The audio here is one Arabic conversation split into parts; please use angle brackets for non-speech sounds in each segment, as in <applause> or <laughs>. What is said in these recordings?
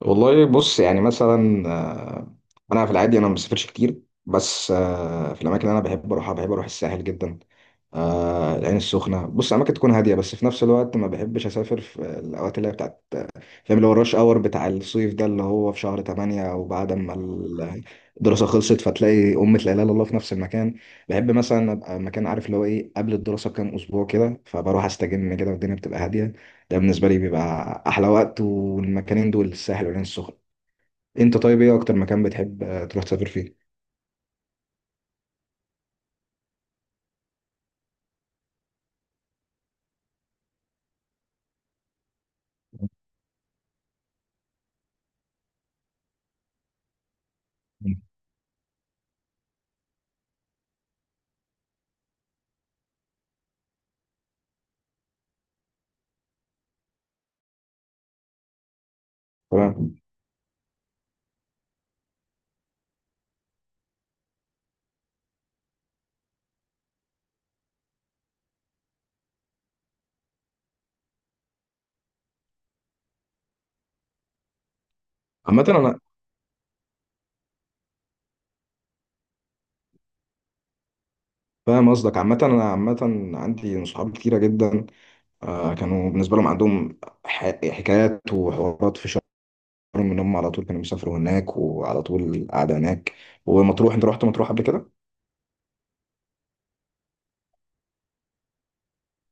والله بص يعني مثلا انا في العادي انا ما بسافرش كتير. بس في الاماكن اللي انا بحب اروحها بحب اروح الساحل جدا. العين السخنه بص اماكن تكون هاديه، بس في نفس الوقت ما بحبش اسافر في الاوقات اللي هي بتاعت، فاهم، اللي هو الرش اور بتاع الصيف ده، اللي هو في شهر 8 او بعد ما الدراسه خلصت، فتلاقي امة لا اله الا الله في نفس المكان. بحب مثلا ابقى مكان، عارف اللي هو ايه، قبل الدراسه بكام اسبوع كده، فبروح استجم كده والدنيا بتبقى هاديه. ده بالنسبه لي بيبقى احلى وقت، والمكانين دول الساحل والعين السخنه. انت طيب، ايه اكتر مكان بتحب تروح تسافر فيه؟ تمام. عامة أنا فاهم قصدك. عامة أنا عامة عندي صحاب كتيرة جدا كانوا بالنسبة لهم عندهم حكايات وحوارات في، من هم على طول كانوا بيسافروا هناك وعلى طول قاعدة هناك. ومطروح، انت رحت مطروح قبل كده؟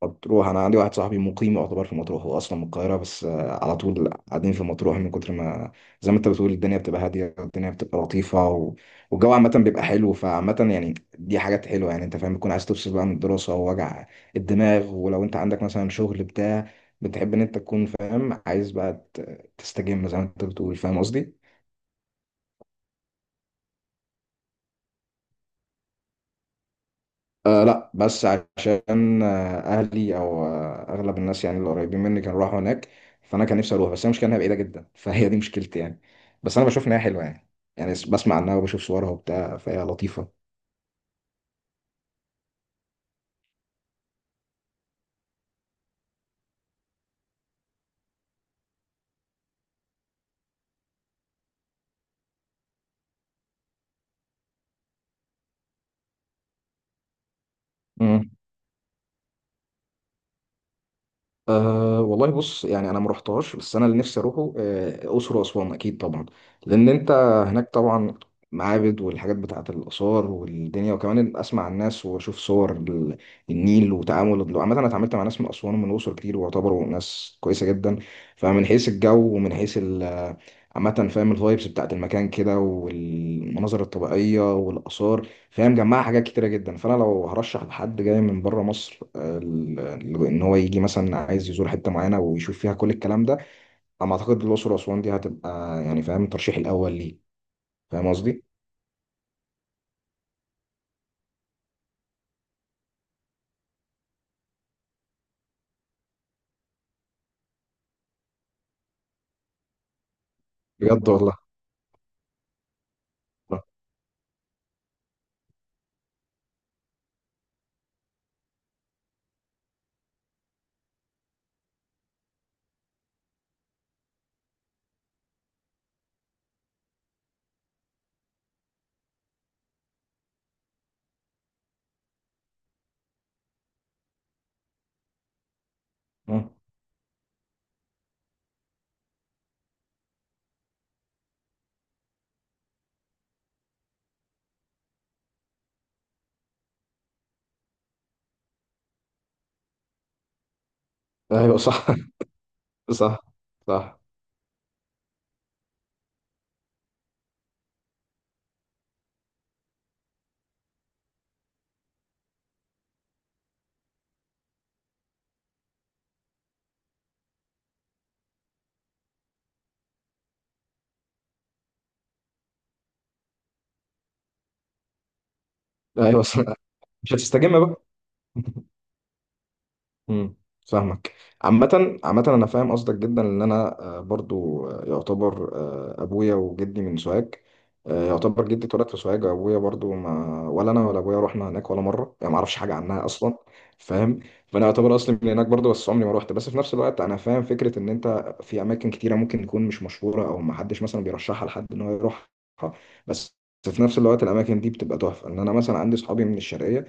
مطروح انا عندي واحد صاحبي مقيم يعتبر في مطروح، هو اصلا من القاهرة بس على طول قاعدين في مطروح، من كتر ما، زي ما انت بتقول، الدنيا بتبقى هادية، الدنيا بتبقى لطيفة والجو عامة بيبقى حلو. فعامة يعني دي حاجات حلوة يعني، انت فاهم، بتكون عايز تفصل بقى من الدراسة ووجع الدماغ، ولو انت عندك مثلا شغل بتاع، بتحب ان انت تكون فاهم، عايز بقى تستجم زي ما انت بتقول. فاهم قصدي؟ آه لا، بس عشان آه اهلي، او آه اغلب الناس يعني اللي قريبين مني كانوا راحوا هناك، فانا كان نفسي اروح. بس هي المشكله انها بعيده جدا <laughs> فهي دي مشكلتي يعني. بس انا بشوف انها حلوه يعني، يعني بسمع عنها وبشوف صورها وبتاع، فهي لطيفه. أه والله بص يعني انا ما رحتهاش، بس انا اللي نفسي اروحه اقصر واسوان، اكيد طبعا. لان انت هناك طبعا معابد والحاجات بتاعه الاثار والدنيا، وكمان اسمع الناس واشوف صور النيل. وتعامل عامه، انا اتعاملت مع ناس من اسوان ومن الاقصر كتير، واعتبروا ناس كويسه جدا. فمن حيث الجو ومن حيث عامة فاهم، الفايبس بتاعت المكان كده والمناظر الطبيعية والآثار، فاهم، جمعها حاجات كتيرة جدا. فأنا لو هرشح لحد جاي من بره مصر، ان هو يجي مثلا عايز يزور حته معينه ويشوف فيها كل الكلام ده، انا ما اعتقد الاقصر واسوان دي هتبقى، يعني فاهم، الترشيح الاول ليه. فاهم قصدي؟ بجد والله. آه. ايوه صح. <laughs> صح. صح ايوه صح. مش هتستجم بقى. <laughs> امم. فاهمك. عامة عامة أنا فاهم قصدك جدا، لأن أنا برضو يعتبر أبويا وجدي من سوهاج. يعتبر جدي اتولد في سوهاج، أبويا برضو، ما ولا أنا ولا أبويا رحنا هناك ولا مرة، يعني ما أعرفش حاجة عنها أصلا. فاهم؟ فأنا يعتبر أصلي من هناك برضو، بس عمري ما روحت. بس في نفس الوقت أنا فاهم فكرة إن أنت في أماكن كتيرة ممكن تكون مش مشهورة أو ما حدش مثلا بيرشحها لحد إن هو يروحها، بس في نفس الوقت الأماكن دي بتبقى تحفة. إن أنا مثلا عندي صحابي من الشرقية،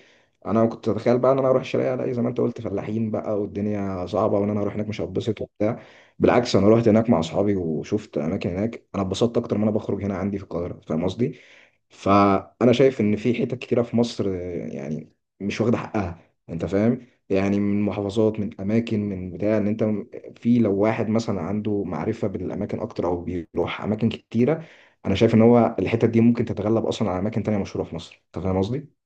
انا كنت اتخيل بقى ان انا اروح الشرقية الاقي زي ما انت قلت فلاحين بقى والدنيا صعبه، وان انا اروح هناك مش هتبسط وبتاع. بالعكس، انا رحت هناك مع اصحابي وشفت اماكن هناك انا اتبسطت اكتر ما انا بخرج هنا عندي في القاهره. فاهم قصدي؟ فانا شايف ان في حتت كتيره في مصر يعني مش واخده حقها. انت فاهم يعني، من محافظات، من اماكن، من بتاع، ان انت في لو واحد مثلا عنده معرفه بالاماكن اكتر او بيروح اماكن كتيره، انا شايف ان هو الحتت دي ممكن تتغلب اصلا على اماكن تانية مشهوره في مصر. انت فاهم قصدي؟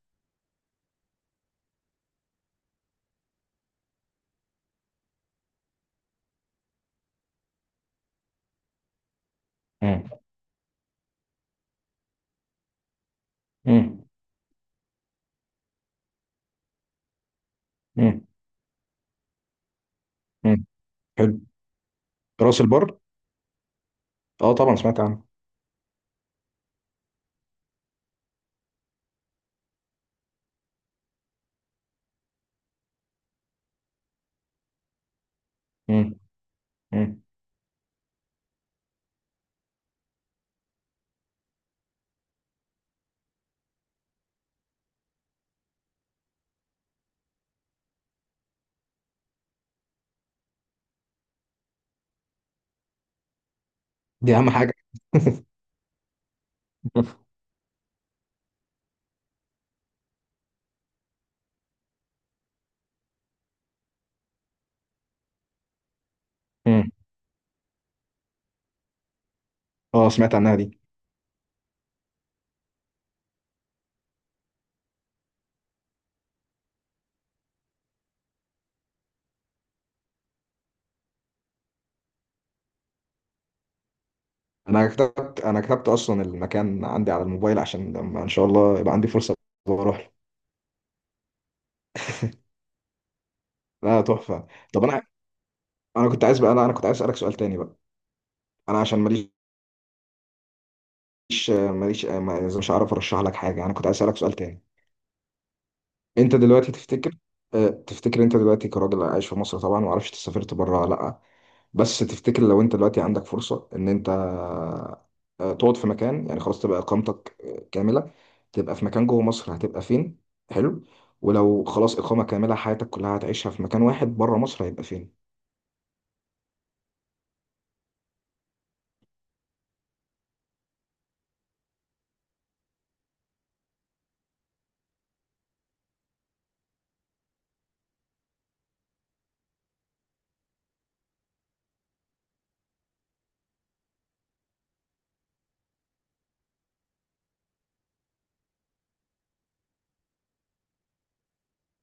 مم. مم. مم. مم. حلو. راس البر؟ اه طبعا سمعت عنه. مم. مم. دي اهم حاجه. <laughs> مم. اه سمعت عنها دي. انا كتبت، انا كتبت اصلا المكان عندي على الموبايل عشان لما ان شاء الله يبقى عندي فرصه واروح له. لا تحفه. طب انا، انا كنت عايز بقى، لا انا كنت عايز اسالك، انت دلوقتي تفتكر، اه تفتكر انت دلوقتي كراجل عايش في مصر طبعا، ومعرفش انت سافرت بره ولا لا، بس تفتكر لو انت دلوقتي عندك فرصة ان انت اه تقعد في مكان، يعني خلاص تبقى اقامتك كاملة، تبقى في مكان جوه مصر، هتبقى فين؟ حلو. ولو خلاص اقامة كاملة حياتك كلها هتعيشها في مكان واحد بره مصر، هيبقى فين؟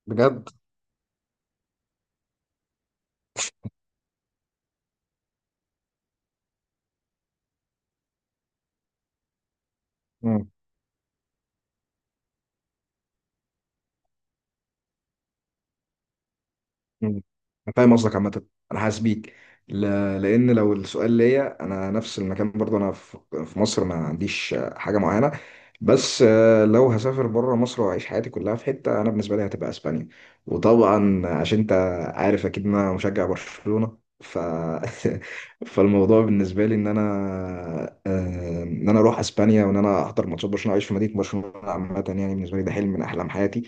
بجد. مم. أنا فاهم قصدك عامة. أنا حاسس بيك. ل... لأن لو السؤال ليا أنا، نفس المكان برضه أنا في مصر ما عنديش حاجة معينة، بس لو هسافر بره مصر وأعيش حياتي كلها في حتة، أنا بالنسبة لي هتبقى أسبانيا. وطبعا عشان أنت عارف أكيد إن أنا مشجع برشلونة <laughs> فالموضوع بالنسبة لي إن أنا إن أنا أروح أسبانيا وإن أنا أحضر ماتشات برشلونة وأعيش في مدينة برشلونة عامة، يعني بالنسبة لي ده حلم من أحلام حياتي.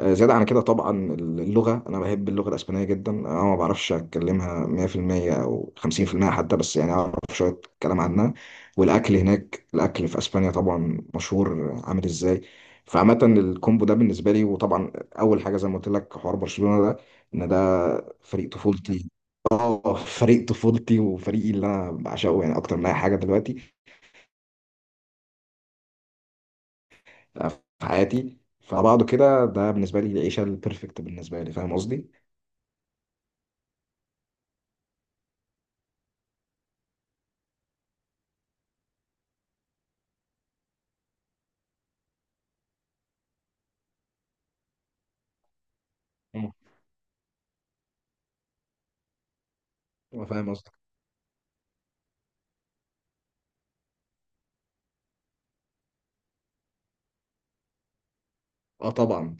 زيادة عن كده طبعا اللغة، أنا بحب اللغة الأسبانية جدا، أنا ما بعرفش أتكلمها 100% أو 50% حتى، بس يعني أعرف شوية كلام عنها. والأكل هناك، الأكل في أسبانيا طبعا مشهور عامل إزاي. فعامة الكومبو ده بالنسبة لي، وطبعا أول حاجة زي ما قلت لك حوار برشلونة ده، إن ده فريق طفولتي. اه فريق طفولتي وفريقي اللي أنا بعشقه يعني أكتر من أي حاجة دلوقتي في حياتي. فبعضه كده، ده بالنسبة لي العيشة البرفكت بالنسبة لي. فاهم قصدي؟ مم. فاهم. اه طبعا.